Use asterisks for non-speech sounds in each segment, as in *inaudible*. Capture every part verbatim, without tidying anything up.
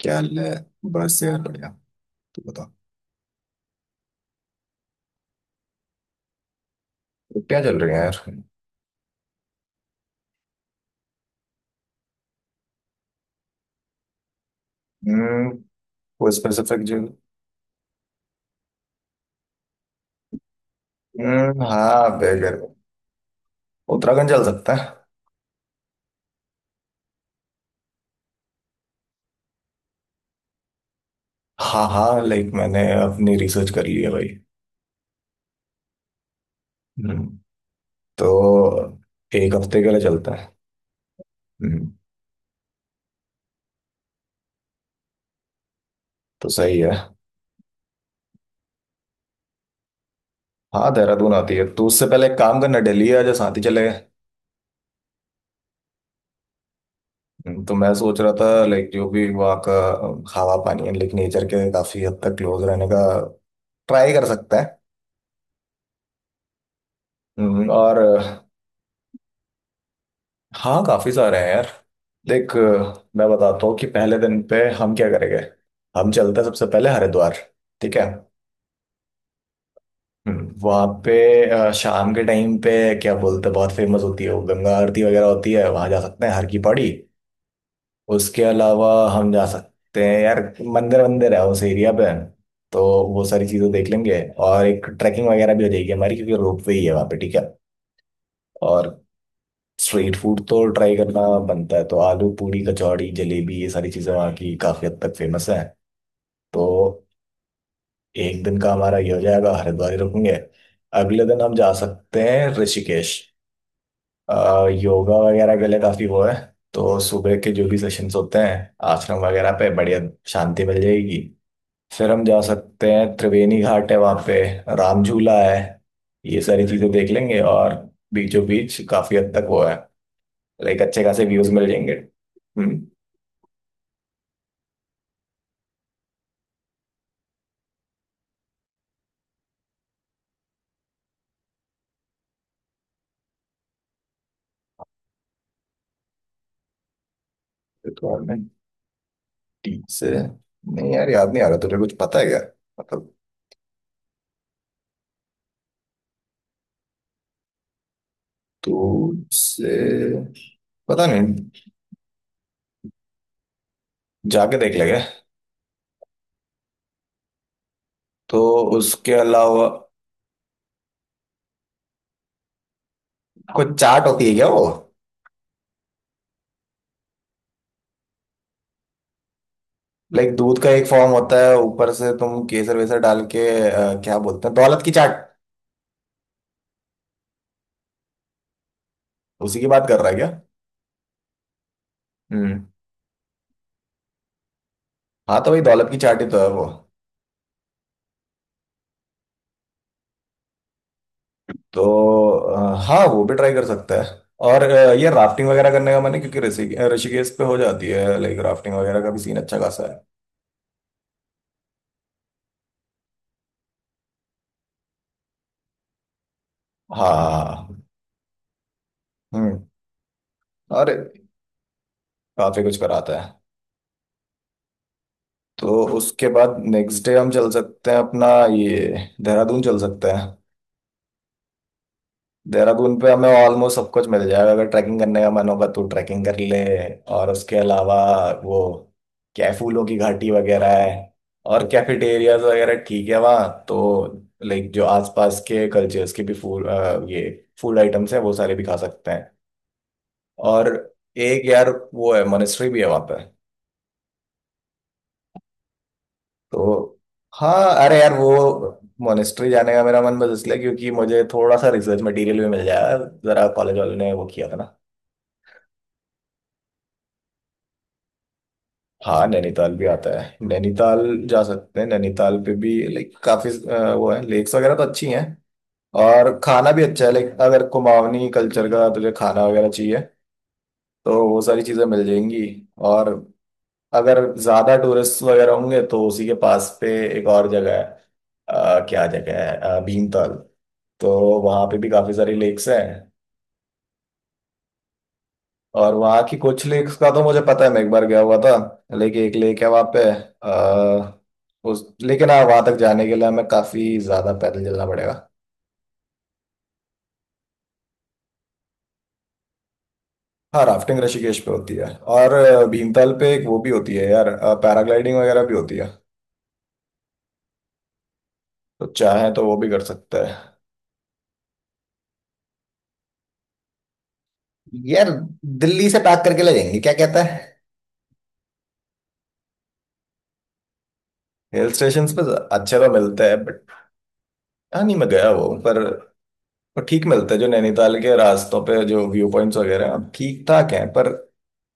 क्या हाल है? बस यार बढ़िया। तू बता। क्या चल रही है यार? हम्म। कोई स्पेसिफिक जो। हम्म, हाँ बेगर। उत्तराखंड चल सकता है। हाँ हाँ, लाइक मैंने अपनी रिसर्च कर ली है भाई। हम्म। तो एक हफ्ते के लिए चलता है। हम्म। तो सही है। हाँ, देहरादून आती है, तो उससे पहले एक काम करना, दिल्ली आ जा, साथ ही चले। हम्म, तो मैं सोच रहा था, लाइक जो भी वहाँ का हवा पानी है, लाइक नेचर के काफी हद तक क्लोज रहने का ट्राई कर सकता है। हम्म, और हाँ, काफी सारे हैं यार। देख अ, मैं बताता हूँ कि पहले दिन पे हम क्या करेंगे। हम चलते हैं सबसे पहले हरिद्वार। ठीक है। वहां पे अ, शाम के टाइम पे क्या बोलते हैं, बहुत फेमस होती है, वो गंगा आरती वगैरह होती है, वहां जा सकते हैं, हर की पौड़ी। उसके अलावा हम जा सकते हैं यार, मंदिर मंदिर है उस एरिया पे। तो वो सारी चीजें देख लेंगे, और एक ट्रैकिंग वगैरह भी हो जाएगी हमारी, क्योंकि रोप वे ही है वहाँ पे। ठीक है। और स्ट्रीट फूड तो ट्राई करना बनता है, तो आलू पूरी कचौड़ी जलेबी, ये सारी चीज़ें वहाँ की काफ़ी हद तक फेमस है। तो एक दिन का हमारा ये हो जाएगा, हरिद्वार ही रुकेंगे। अगले दिन हम जा सकते हैं ऋषिकेश, अ, योगा वगैरह के लिए काफ़ी वो है। तो सुबह के जो भी सेशंस होते हैं आश्रम वगैरह पे, बढ़िया शांति मिल जाएगी। फिर हम जा सकते हैं, त्रिवेणी घाट है वहाँ पे, राम झूला है, ये सारी चीज़ें देख लेंगे। और बीचों बीच काफ़ी हद तक वो है, लाइक अच्छे खासे व्यूज मिल जाएंगे। हम्म। रिक्वायरमेंट टीम से नहीं यार, याद नहीं आ रहा। तुझे कुछ पता है क्या? मतलब। तू से पता नहीं, जाके देख लेंगे। तो उसके अलावा कुछ चाट होती है क्या वो? लाइक दूध का एक फॉर्म होता है, ऊपर से तुम केसर वेसर डाल के अ, क्या बोलते हैं, दौलत की चाट। उसी की बात कर रहा है क्या? हम्म। हाँ, तो भाई दौलत की चाट ही तो है वो। तो अ, हाँ, वो भी ट्राई कर सकता है। और अ, ये राफ्टिंग वगैरह करने का मन है, क्योंकि ऋषि ऋषिकेश पे हो जाती है, लाइक राफ्टिंग वगैरह का भी सीन अच्छा खासा है। हाँ। हम्म। और काफी कुछ कराता है। तो उसके बाद नेक्स्ट डे हम चल सकते हैं अपना, ये देहरादून चल सकते हैं। देहरादून पे हमें ऑलमोस्ट सब कुछ मिल जाएगा, अगर ट्रैकिंग करने का मन होगा तो ट्रैकिंग कर ले। और उसके अलावा वो क्या है, फूलों की घाटी वगैरह है। और कैफेटेरियाज वगैरह ठीक है वहाँ, तो लाइक जो आसपास के कल्चर्स के भी फूड, अ, ये फूड आइटम्स हैं, वो सारे भी खा सकते हैं। और एक यार वो है, मोनेस्ट्री भी है वहाँ पे। तो हाँ, अरे यार वो मोनेस्ट्री जाने का मेरा मन बस इसलिए, क्योंकि मुझे थोड़ा सा रिसर्च मटेरियल भी मिल जाएगा, जरा कॉलेज वालों ने वो किया था ना। हाँ, नैनीताल भी आता है। नैनीताल जा सकते हैं नैनीताल पे भी, लाइक काफी अ, वो है, लेक्स वगैरह तो अच्छी हैं। और खाना भी अच्छा है, लाइक अगर कुमाऊनी कल्चर का तुझे खाना वगैरह चाहिए, तो वो सारी चीजें मिल जाएंगी। और अगर ज्यादा टूरिस्ट वगैरह होंगे, तो उसी के पास पे एक और जगह है, अ, क्या जगह है, अ, भीमताल। तो वहाँ पे भी काफी सारी लेक्स हैं। और वहाँ की कुछ लेक्स का तो मुझे पता है, मैं एक बार गया हुआ था। लेकिन एक लेक है वहाँ पे, आ, उस लेकिन हाँ, वहाँ तक जाने के लिए हमें काफी ज्यादा पैदल चलना पड़ेगा। हाँ, राफ्टिंग ऋषिकेश पे होती है। और अ, भीमताल पे एक वो भी होती है यार, पैराग्लाइडिंग वगैरह भी होती है। तो चाहे तो वो भी कर सकते हैं। यार दिल्ली से पैक करके ले जाएंगे, क्या कहता है? हिल स्टेशन पे अच्छे तो मिलते हैं बट। हाँ नहीं, मैं गया वो पर पर ठीक मिलते हैं, जो नैनीताल के रास्तों पे जो व्यू पॉइंट्स वगैरह हैं ठीक ठाक हैं पर,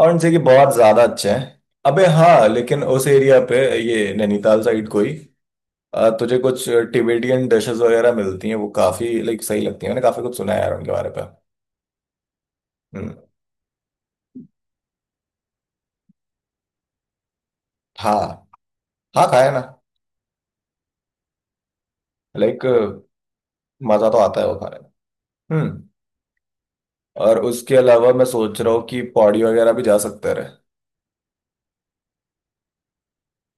और उनसे कि बहुत ज्यादा अच्छे हैं। अबे हाँ, लेकिन उस एरिया पे ये नैनीताल साइड कोई अ, तुझे कुछ टिबेटियन डिशेस वगैरह मिलती हैं, वो काफी लाइक सही लगती है, मैंने काफी कुछ सुना है यार उनके बारे पे। हम्म। हाँ, हाँ खाया ना, लाइक मजा तो आता है वो खाने में। हम्म। और उसके अलावा मैं सोच रहा हूँ कि पौड़ी वगैरह भी जा सकते रहे।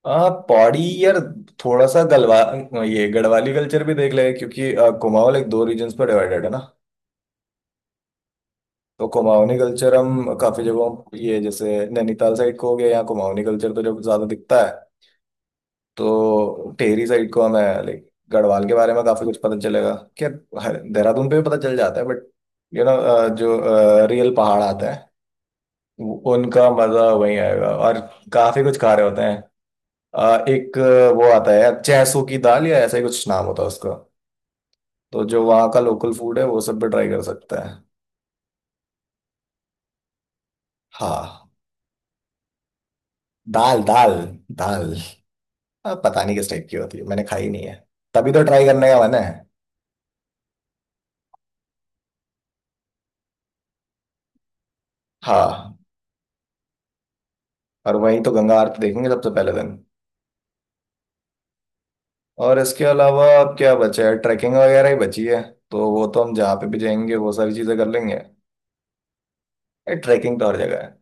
आ, पौड़ी यार, थोड़ा सा गलवा, ये गढ़वाली कल्चर भी देख लेंगे, क्योंकि अ, कुमाऊँ लाइक दो रीजन्स पर डिवाइडेड है ना। तो कुमाऊनी कल्चर हम काफी जगहों ये जैसे नैनीताल साइड को हो गया, यहाँ कुमाऊनी कल्चर तो जब ज्यादा दिखता है। तो टेहरी साइड को हमें लाइक गढ़वाल के बारे में काफी कुछ पता चलेगा। क्या हर- देहरादून पे भी पता चल जाता है बट यू नो जो रियल पहाड़ आते हैं वो- उनका मजा वहीं आएगा। और काफी कुछ खा रहे होते हैं। अ, एक अ, वो आता है चैसू की दाल, या ऐसा ही कुछ नाम होता है उसका। तो जो वहाँ का लोकल फूड है, वो सब भी ट्राई कर सकता है। हाँ। दाल दाल दाल। अब पता नहीं किस टाइप की होती है, मैंने खाई नहीं है, तभी तो ट्राई करने का मन है। हाँ। और वहीं तो गंगा आरती देखेंगे सबसे पहले दिन। और इसके अलावा अब क्या बचा है, ट्रैकिंग वगैरह ही बची है। तो वो तो हम जहाँ पे भी जाएंगे वो सारी चीजें कर लेंगे। ट्रैकिंग तो हर जगह है।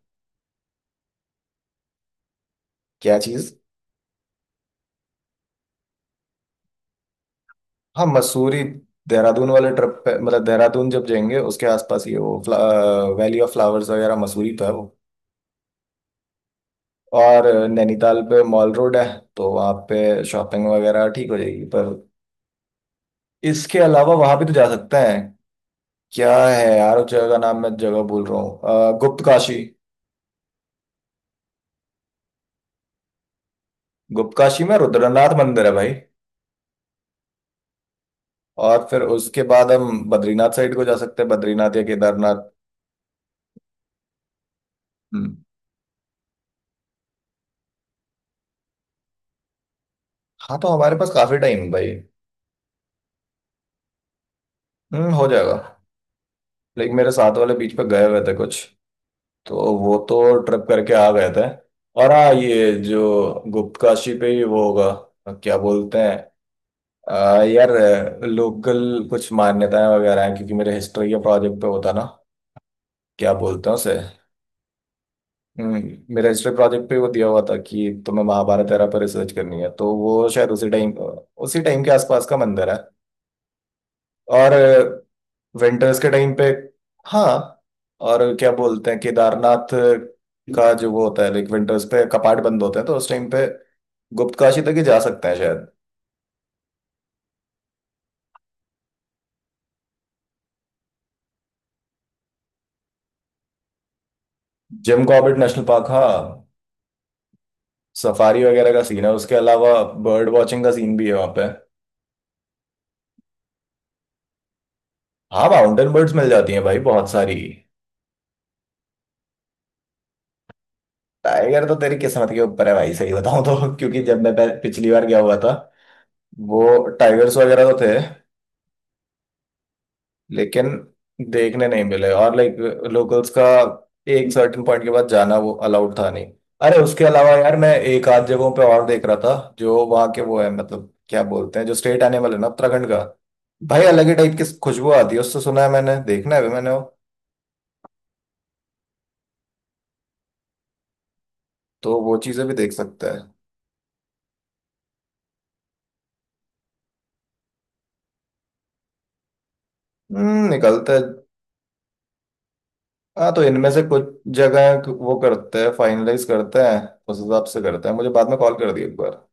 क्या चीज? हाँ, मसूरी, देहरादून वाले ट्रिप पे, मतलब देहरादून जब जाएंगे उसके आसपास ही है वो, फ्ला, वैली ऑफ फ्लावर्स वगैरह, मसूरी तो है वो। और नैनीताल पे मॉल रोड है, तो वहाँ पे शॉपिंग वगैरह ठीक हो जाएगी, पर इसके अलावा वहां भी तो जा सकते हैं। क्या है यार उस जगह का नाम, मैं जगह भूल रहा हूँ, अ, गुप्त काशी। गुप्त काशी में रुद्रनाथ मंदिर है भाई। और फिर उसके बाद हम बद्रीनाथ साइड को जा सकते हैं, बद्रीनाथ या केदारनाथ। हम्म। हाँ, तो हमारे पास काफी टाइम है भाई। हम्म, हो जाएगा। लेकिन मेरे साथ वाले बीच पे गए हुए थे कुछ, तो वो तो ट्रिप करके आ गए थे। और हाँ, ये जो गुप्त काशी पे ही वो होगा, क्या बोलते हैं अ, यार, लोकल कुछ मान्यताएं वगैरह हैं, क्योंकि मेरे हिस्ट्री के प्रोजेक्ट पे होता ना। क्या बोलते हैं उसे। हम्म, मेरा हिस्ट्री प्रोजेक्ट पे वो दिया हुआ था, कि तुम्हें महाभारत एरा पर रिसर्च करनी है, तो वो शायद उसी टाइम, उसी टाइम के आसपास का मंदिर है। और विंटर्स के टाइम पे। हाँ, और क्या बोलते हैं, केदारनाथ का जो वो होता है, लाइक विंटर्स पे कपाट बंद होते हैं, तो उस टाइम पे गुप्त काशी तक ही जा सकते हैं शायद। जिम कॉर्बेट नेशनल पार्क, हाँ। सफारी वगैरह का सीन है, उसके अलावा बर्ड वॉचिंग का सीन भी है वहाँ पे। हाँ, माउंटेन बर्ड्स मिल जाती हैं भाई बहुत सारी। टाइगर तो तेरी किस्मत के ऊपर है भाई, सही बताऊं तो *laughs* क्योंकि जब मैं पह- पिछली बार गया हुआ था, वो टाइगर्स वगैरह तो थे, लेकिन देखने नहीं मिले। और लाइक लोकल्स का एक सर्टेन पॉइंट के बाद जाना वो अलाउड था नहीं। अरे उसके अलावा यार मैं एक आध जगहों पे और देख रहा था, जो वहाँ के वो है, मतलब क्या बोलते हैं, जो स्टेट एनिमल है ना उत्तराखंड का। भाई अलग ही टाइप की खुशबू आती है उससे, सुना है मैंने, देखना है भी मैंने वो। तो वो चीजें भी देख सकता है। हम्म निकलता है। हाँ, तो इनमें से कुछ जगह वो करते हैं, फाइनलाइज करते हैं, उस हिसाब से करते हैं, मुझे बाद में कॉल कर दिए एक बार।